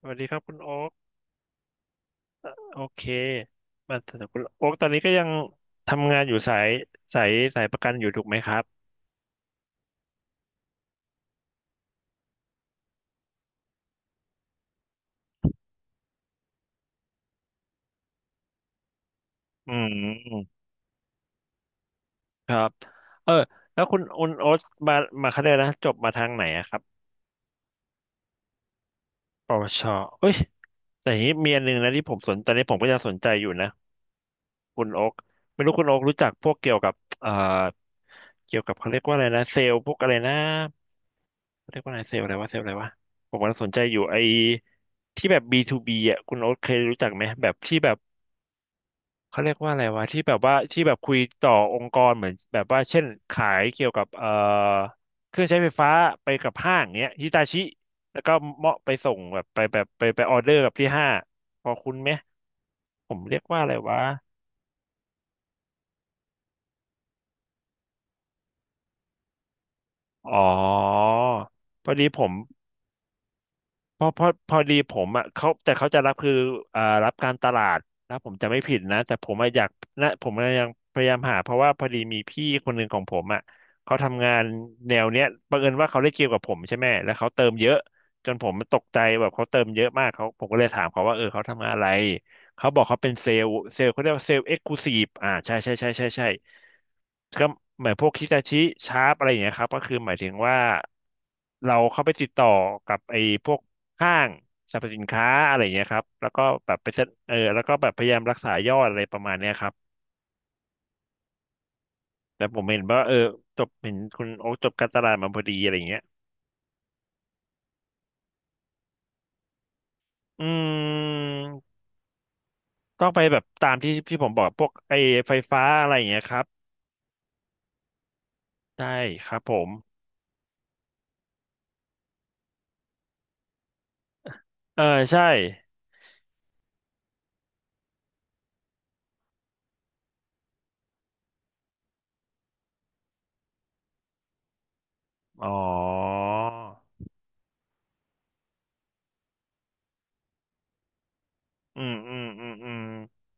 สวัสดีครับคุณโอ๊กโอเคมาถึงคุณโอ๊กตอนนี้ก็ยังทำงานอยู่สายสายสายประกันอยู่ถูกไหมครับอืมครับเออแล้วคุณโอ๊ตมามาเขาเรยนะจบมาทางไหนอะครับปวชเอ้ยแต่ทีนี้มีอันหนึงนะที่ผมสนตอนนี้ผมก็ยังสนใจอยู่นะคุณโอ๊กไม่รู้คุณโอ๊กรู้จักพวกเกี่ยวกับเอ่อเกี่ยวกับเขาเรียกว่าอะไรนะเซลล์พวกอะไรนะ เรียกว่าอะไรเซลล์อะไรวะเซลล์อะไรวะผมกำลังสนใจอยู่ไอ้ที่แบบ B2B อ่ะคุณโอ๊ตเคยรู้จักไหมแบบที่แบบเขาเรียกว่าอะไรวะที่แบบว่าที่แบบคุยต่อองค์กรเหมือนแบบว่าเช่นขายเกี่ยวกับเครื่องใช้ไฟฟ้าไปกับห้างเนี้ยฮิตาชิแล้วก็เหมาะไปส่งแบบไปแบบไปออเดอร์กับที่ห้างพอคุณไหมผมเรียกว่าอะไรวะอ๋อพอดีผม เพราะพอดีผมอ่ะเขาแต่เขาจะรับคืออ่ารับการตลาดนะผมจะไม่ผิดนะแต่ผมอะอยากนะผมอะยังพยายามหาเพราะว่าพอดีมีพี่คนหนึ่งของผมอ่ะเขาทำงานแนวเนี้ยบังเอิญว่าเขาได้เกี่ยวกับผมใช่ไหมแล้วเขาเติมเยอะจนผมตกใจแบบเขาเติมเยอะมากเขาผมก็เลยถามเขาว่าเออเขาทำงานอะไร เขาบอกเขาเป็นเซลล์เขาเรียกว่าเซลล์เอ็กซ์คลูซีฟอ่าใช่ก็เหมือนพวกคิตาชิชาร์ปอะไรอย่างเงี้ยครับก็คือหมายถึงว่าเราเข้าไปติดต่อกับไอ้พวกห้างสรรพสินค้าอะไรอย่างเงี้ยครับแล้วก็แบบไปเซ็นเออแล้วก็แบบพยายามรักษายอดอะไรประมาณเนี้ยครับแต่ผมเห็นว่าเออจบเห็นคุณโอ๊คจบการตลาดมาพอดีอะไรอย่างเงี้ยอืมต้องไปแบบตามที่ผมบอกพวกไอ้ไฟฟ้าอะไรอย่างเงี้ยครับได้ครับผม เออใช่ อ๋อ อืม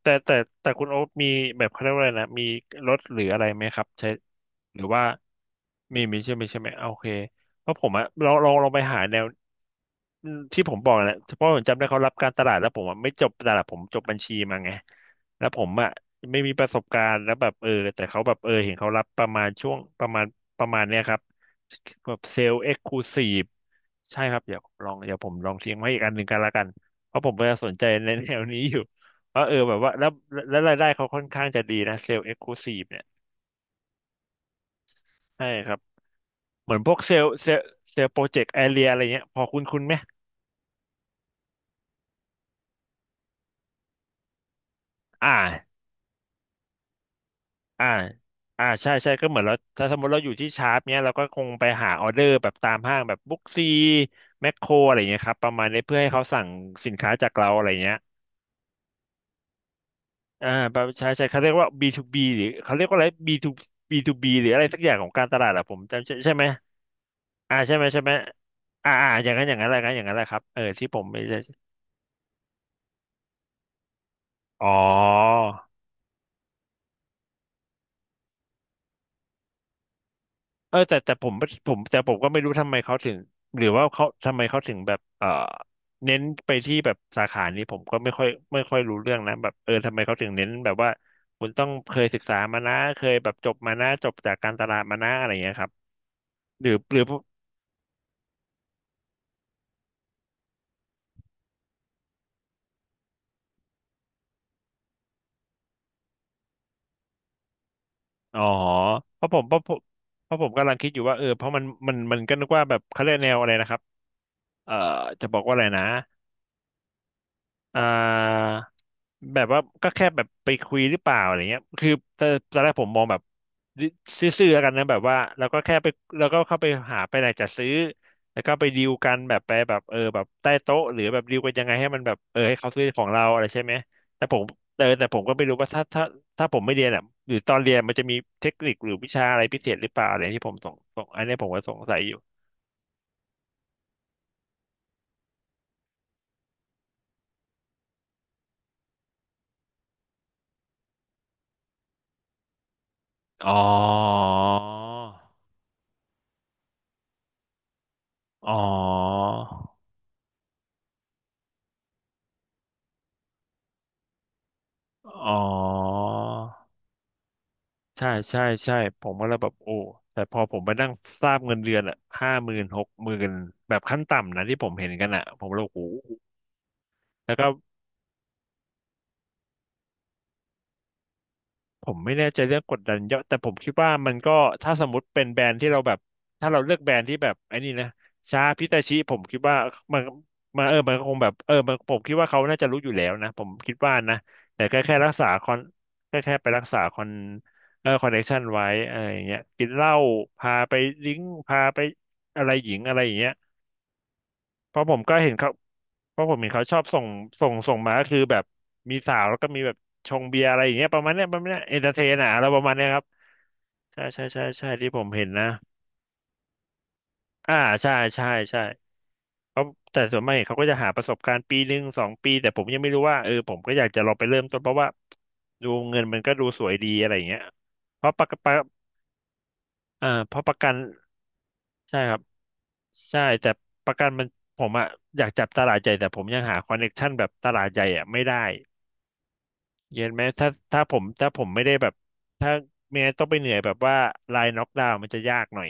แต่แต่คุณโอ๊คมีแบบเขาเรียกว่าอะไรนะมีรถหรืออะไรไหมครับใช้หรือว่ามีใช่ไหมอ่ะโอเคเพราะผมอะลองไปหาแนวอืมที่ผมบอกแหละเพราะผมจำได้เขารับการตลาดแล้วผมอะไม่จบตลาดผมจบบัญชีมาไงแล้วผมอะไม่มีประสบการณ์แล้วแบบเออแต่เขาแบบเออเห็นเขารับประมาณช่วงประมาณเนี้ยครับแบบเซลล์เอ็กซ์คลูซีฟใช่ครับเดี๋ยวผมลองเดี๋ยวผมลองทิ้งไว้อีกอันหนึ่งกันละกัน เพราะผมก็สนใจในแนวนี้อยู่ เพราะเออแบบว่าแล้วรายได้เขาค่อนข้างจะดีนะเซลล์เอ็กซ์คลูซีฟเนี่ย ใช่ครับ เหมือนพวกเซลล์โปรเจกต์แอเรียอะไรเงี้ยพอคุ้นคุ้นไหม อ่า อ่าอ่าใช่ใช่ก็เหมือนเราถ้าสมมติเราอยู่ที่ชาร์ปเนี้ยเราก็คงไปหาออเดอร์แบบตามห้างแบบบุ๊กซีแมคโครอะไรเงี้ยครับประมาณนี้เพื่อให้เขาสั่งสินค้าจากเราอะไรเงี้ย อ่าแบบใช่ใช่เขาเรียกว่า B2B หรือเขาเรียกว่าอะไร B2 B2B หรืออะไรสักอย่างของการตลาดอะผมจำใช่ใช่ไหมอ่าใช่ไหมใช่ไหมอ่าอ่าอย่างนั้นอย่างนั้นแหละครับอย่างนั้นแหละครับเออที่ผมไม่ได้อ๋อเออแต่ผมแต่ผมก็ไม่รู้ทำไมเขาถึงหรือว่าเขาทำไมเขาถึงแบบเออเน้นไปที่แบบสาขานี้ผมก็ไม่ค่อยรู้เรื่องนะแบบเออทำไมเขาถึงเน้นแบบว่าคุณต้องเคยศึกษามานะเคยแบบจบมานะจบจากการตลาดมานะอะไรอย่างเงี้ยครับหรือ อ๋อเพราะผมเพราะผมเพราะผมกำลังคิดอยู่ว่าเออเพราะมันก็นึกว่าแบบเขาเรียกแนวอะไรนะครับ เอ่อจะบอกว่าอะไรนะ อ่าแบบว่าก็แค่แบบไปคุยหรือเปล่าอะไรเงี้ยคือตอนแรกผมมองแบบซื่อๆแล้วกันนะแบบว่าเราก็แค่ไปเราก็เข้าไปหาไปไหนจะซื้อแล้วก็ไปดีลกันแบบไปแบบเออแบบใต้โต๊ะหรือแบบดีลกันยังไงให้มันแบบเออให้เขาซื้อของเราอะไรใช่ไหมแต่ผมเออแต่ผมก็ไม่รู้ว่าถ้าผมไม่เรียนอ่ะหรือตอนเรียนมันจะมีเทคนิคหรือวิชาอะไรพิเศษหรือเปล่าอะไรที่ผมสงสงอันนี้ผมก็สงสัยอยู่อ๋ออ๋ออ๋อ ใช่ใช่ใช่ผมก็เลยแบบโอ้แต่พอผมไปนั่งทราบเงินเดือนอะห้าหมื่นหกหมื่นแบบขั้นต่ำนะที่ผมเห็นกันอะผมเลยโอ้โหแล้วก็ ผมไม่แน่ใจเรื่องกดดันเยอะแต่ผมคิดว่ามันก็ถ้าสมมติเป็นแบรนด์ที่เราแบบถ้าเราเลือกแบรนด์ที่แบบไอ้นี่นะชาพิตาชิผมคิดว่ามันมันเออมันก็คงแบบเออมันผมคิดว่าเขาน่าจะรู้อยู่แล้วนะผมคิดว่านะแต่แค่รักษาคอนแค่ไปรักษาคอนคอนเนคชันไว้อะไรอย่างเงี้ยกินเหล้าพาไปดริ้งพาไปอะไรหญิงอะไรอย่างเงี้ย เพราะผมก็เห็นเขาเพราะผมเห็นเขาชอบส่งส่งมาก็คือแบบมีสาวแล้วก็มีแบบชงเบียร์อะไรอย่างเงี้ยประมาณเนี้ยประมาณเนี้ยเอนเตอร์เทนอะอะไรประมาณเนี้ยครับใช่ใช่ใช่ใช่ ที่ผมเห็นนะอ่าใช่ใช่ใช่เขาแต่ส่วนมากเขาก็จะหาประสบการณ์ปีหนึ่งสองปี แต่ผมยังไม่รู้ว่า ผมก็อยากจะลองไปเริ่มต้นเพราะว่าดูเงินมันก็ดูสวยดีอะไรอย่างเงี้ยเพราะประกันประอ่าเพราะประกันใช่ครับใช่แต่ประกันมันผมอะอยากจับตลาดใหญ่แต่ผมยังหาคอนเน็กชันแบบตลาดใหญ่อะไม่ได้ เย็นไหมถ้าผมผมไม่ได้แบบถ้าไม่งั้นต้องไปเหนื่อยแบบว่าไลน์น็อกดาวน์มันจะยากหน่อย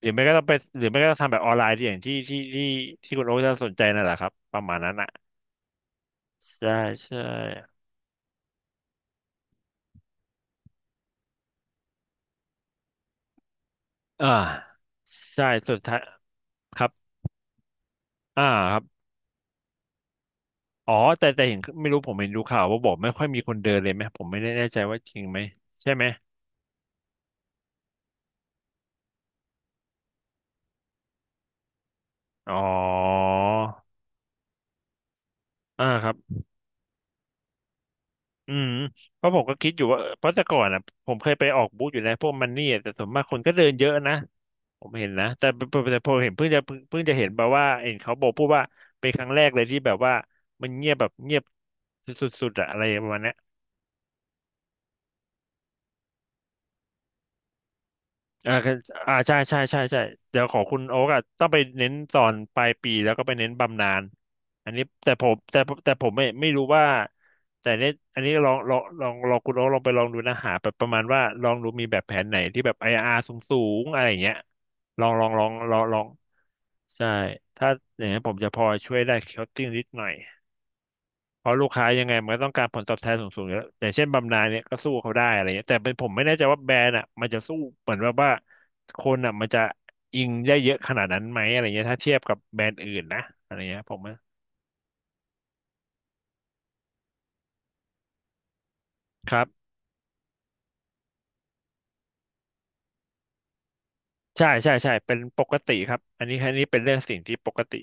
หรือไม่ก็ต้องไปหรือไม่ก็ต้องทำแบบออนไลน์ที่อย่างที่ที่คุณโอ๊คจะสนใจนั่นแหละครับประมาณนั้นอ่ะใช่ใช่อ่าใช่สุดท้ายครับอ่าครับอ๋อแต่เห็นไม่รู้ผมเห็นดูข่าวว่าบอกไม่ค่อยมีคนเดินเลยไหมผมไม่ได้แน่ใจว่าจริงไหมใช่ไหมอ๋ออ่าครับ อืมเพราะผมก็คิดอยู่ว่าเอพราะแต่ก่อนอ่ะผมเคยไปออกบูธอยู่แล้วพวกมันนี่อะแต่ส่วนมากคนก็เดินเยอะนะผมเห็นนะแต่พอเห็นเพิ่งจะเห็นแบบว่าเห็นเขาบอกพูดว่าเป็นครั้งแรกเลยที่แบบว่ามันเงียบสุดๆอะอะไรประมาณเนี้ย อ่ากืออ่าใช่เดี๋ยวของคุณโอ๊กอ่ะต้องไปเน้นตอนปลายปีแล้วก็ไปเน้นบำนาญอันนี้แต่ผมแต่แต่ผมไม่รู้ว่าแต่เนี้ยอันนี้ลองคุณโอ๊กลองไปลองดูนะหาแบบประมาณว่าลองดูมีแบบแผนไหนที่แบบ IRR สูงอะไรอย่างเงี้ยลองใช่ถ้าอย่างนี้นผมจะพอช่วยได้ c o ตติ้งนิดหน่อย เพราะลูกค้ายังไงมันก็ต้องการผลตอบแทนสูงๆอยู่แล้วอย่างเช่นบำนาญเนี่ยก็สู้เขาได้อะไรเงี้ยแต่เป็นผมไม่แน่ใจว่าแบรนด์อ่ะมันจะสู้เหมือนว่าคนอ่ะมันจะอิงได้เยอะขนาดนั้นไหมอะไรเงี้ยถ้าเทียบกับแบรนด์อื่นนะอะไรเงี้ยผมว่าครับใช่ใช่ใช่เป็นปกติครับอันนี้เป็นเรื่องสิ่งที่ปกติ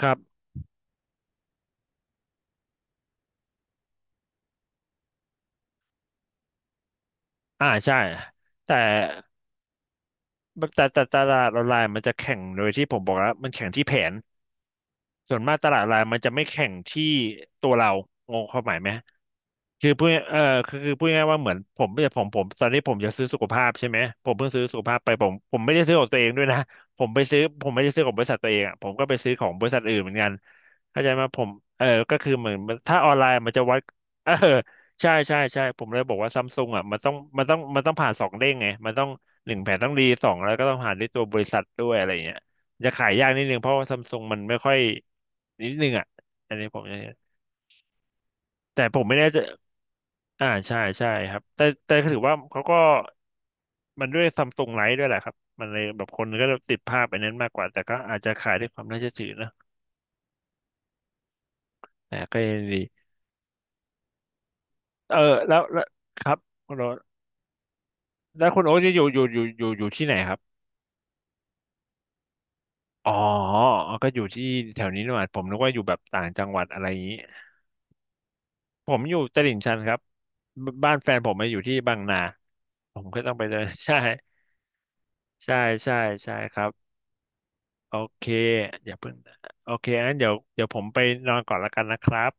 ครับอ่าใช่แต่ตลาดออนไลน์มันจะแข่งโดยที่ผมบอกแล้วมันแข่งที่แผนส่วนมากตลาดออนไลน์มันจะไม่แข่งที่ตัวเรางงความหมายไหม คือพูดคือพูดง่ายๆว่าเหมือนผมไม่ใช่ผมตอนนี้ผมจะซื้อสุขภาพใช่ไหมผมเพิ่งซื้อสุขภาพไปผมไม่ได้ซื้อของตัวเองด้วยนะผมไปซื้อผมไม่ได้ซื้อของบริษัทตัวเองอ่ะผมก็ไปซื้อของบริษัทอื่นเหมือนกันเข้าใจไหมผมเออก็คือเหมือนถ้าออนไลน์มันจะวัดเออใช่ผมเลยบอกว่าซัมซุงอ่ะมันต้องผ่านสองเด้งไงมันต้องหนึ่งแผนต้องดีสองแล้วก็ต้องผ่านด้วยตัวบริษัทด้วยอะไรอย่างเงี้ยจะขายยากนิดนึงเพราะว่าซัมซุงมันไม่ค่อยนิดนึงอ่ะอันนี้ผมจะแต่ผมไม่แน่ใจ อ่าใช่ใช่ครับแต่ถือว่าเขาก็มันด้วยซัมซุงไลท์ด้วยแหละครับมันเลยแบบคนก็ติดภาพไปนั้นมากกว่าแต่ก็อาจจะขายด้วยความน่าเชื่อถือนะแต่ก็ยังดีเออแล้วครับคุณโอ๊ตแล้วคุณโอ๊ตจะอยู่ที่ไหนครับอ๋อก็อยู่ที่แถวนี้นี่หว่าผมนึกว่าอยู่แบบต่างจังหวัดอะไรอย่างนี้ผมอยู่ตลิ่งชันครับบบ้านแฟนผมมาอยู่ที่บางนาผมก็ต้องไปเดิน ใช่ใช่ใช่ครับ โอเคอย่าเพิ่งนะโอเคงั้นเดี๋ยวผมไปนอนก่อนละกันนะครับ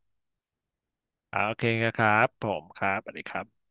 อ่าโอเคครับผมครับสวัสดีครับ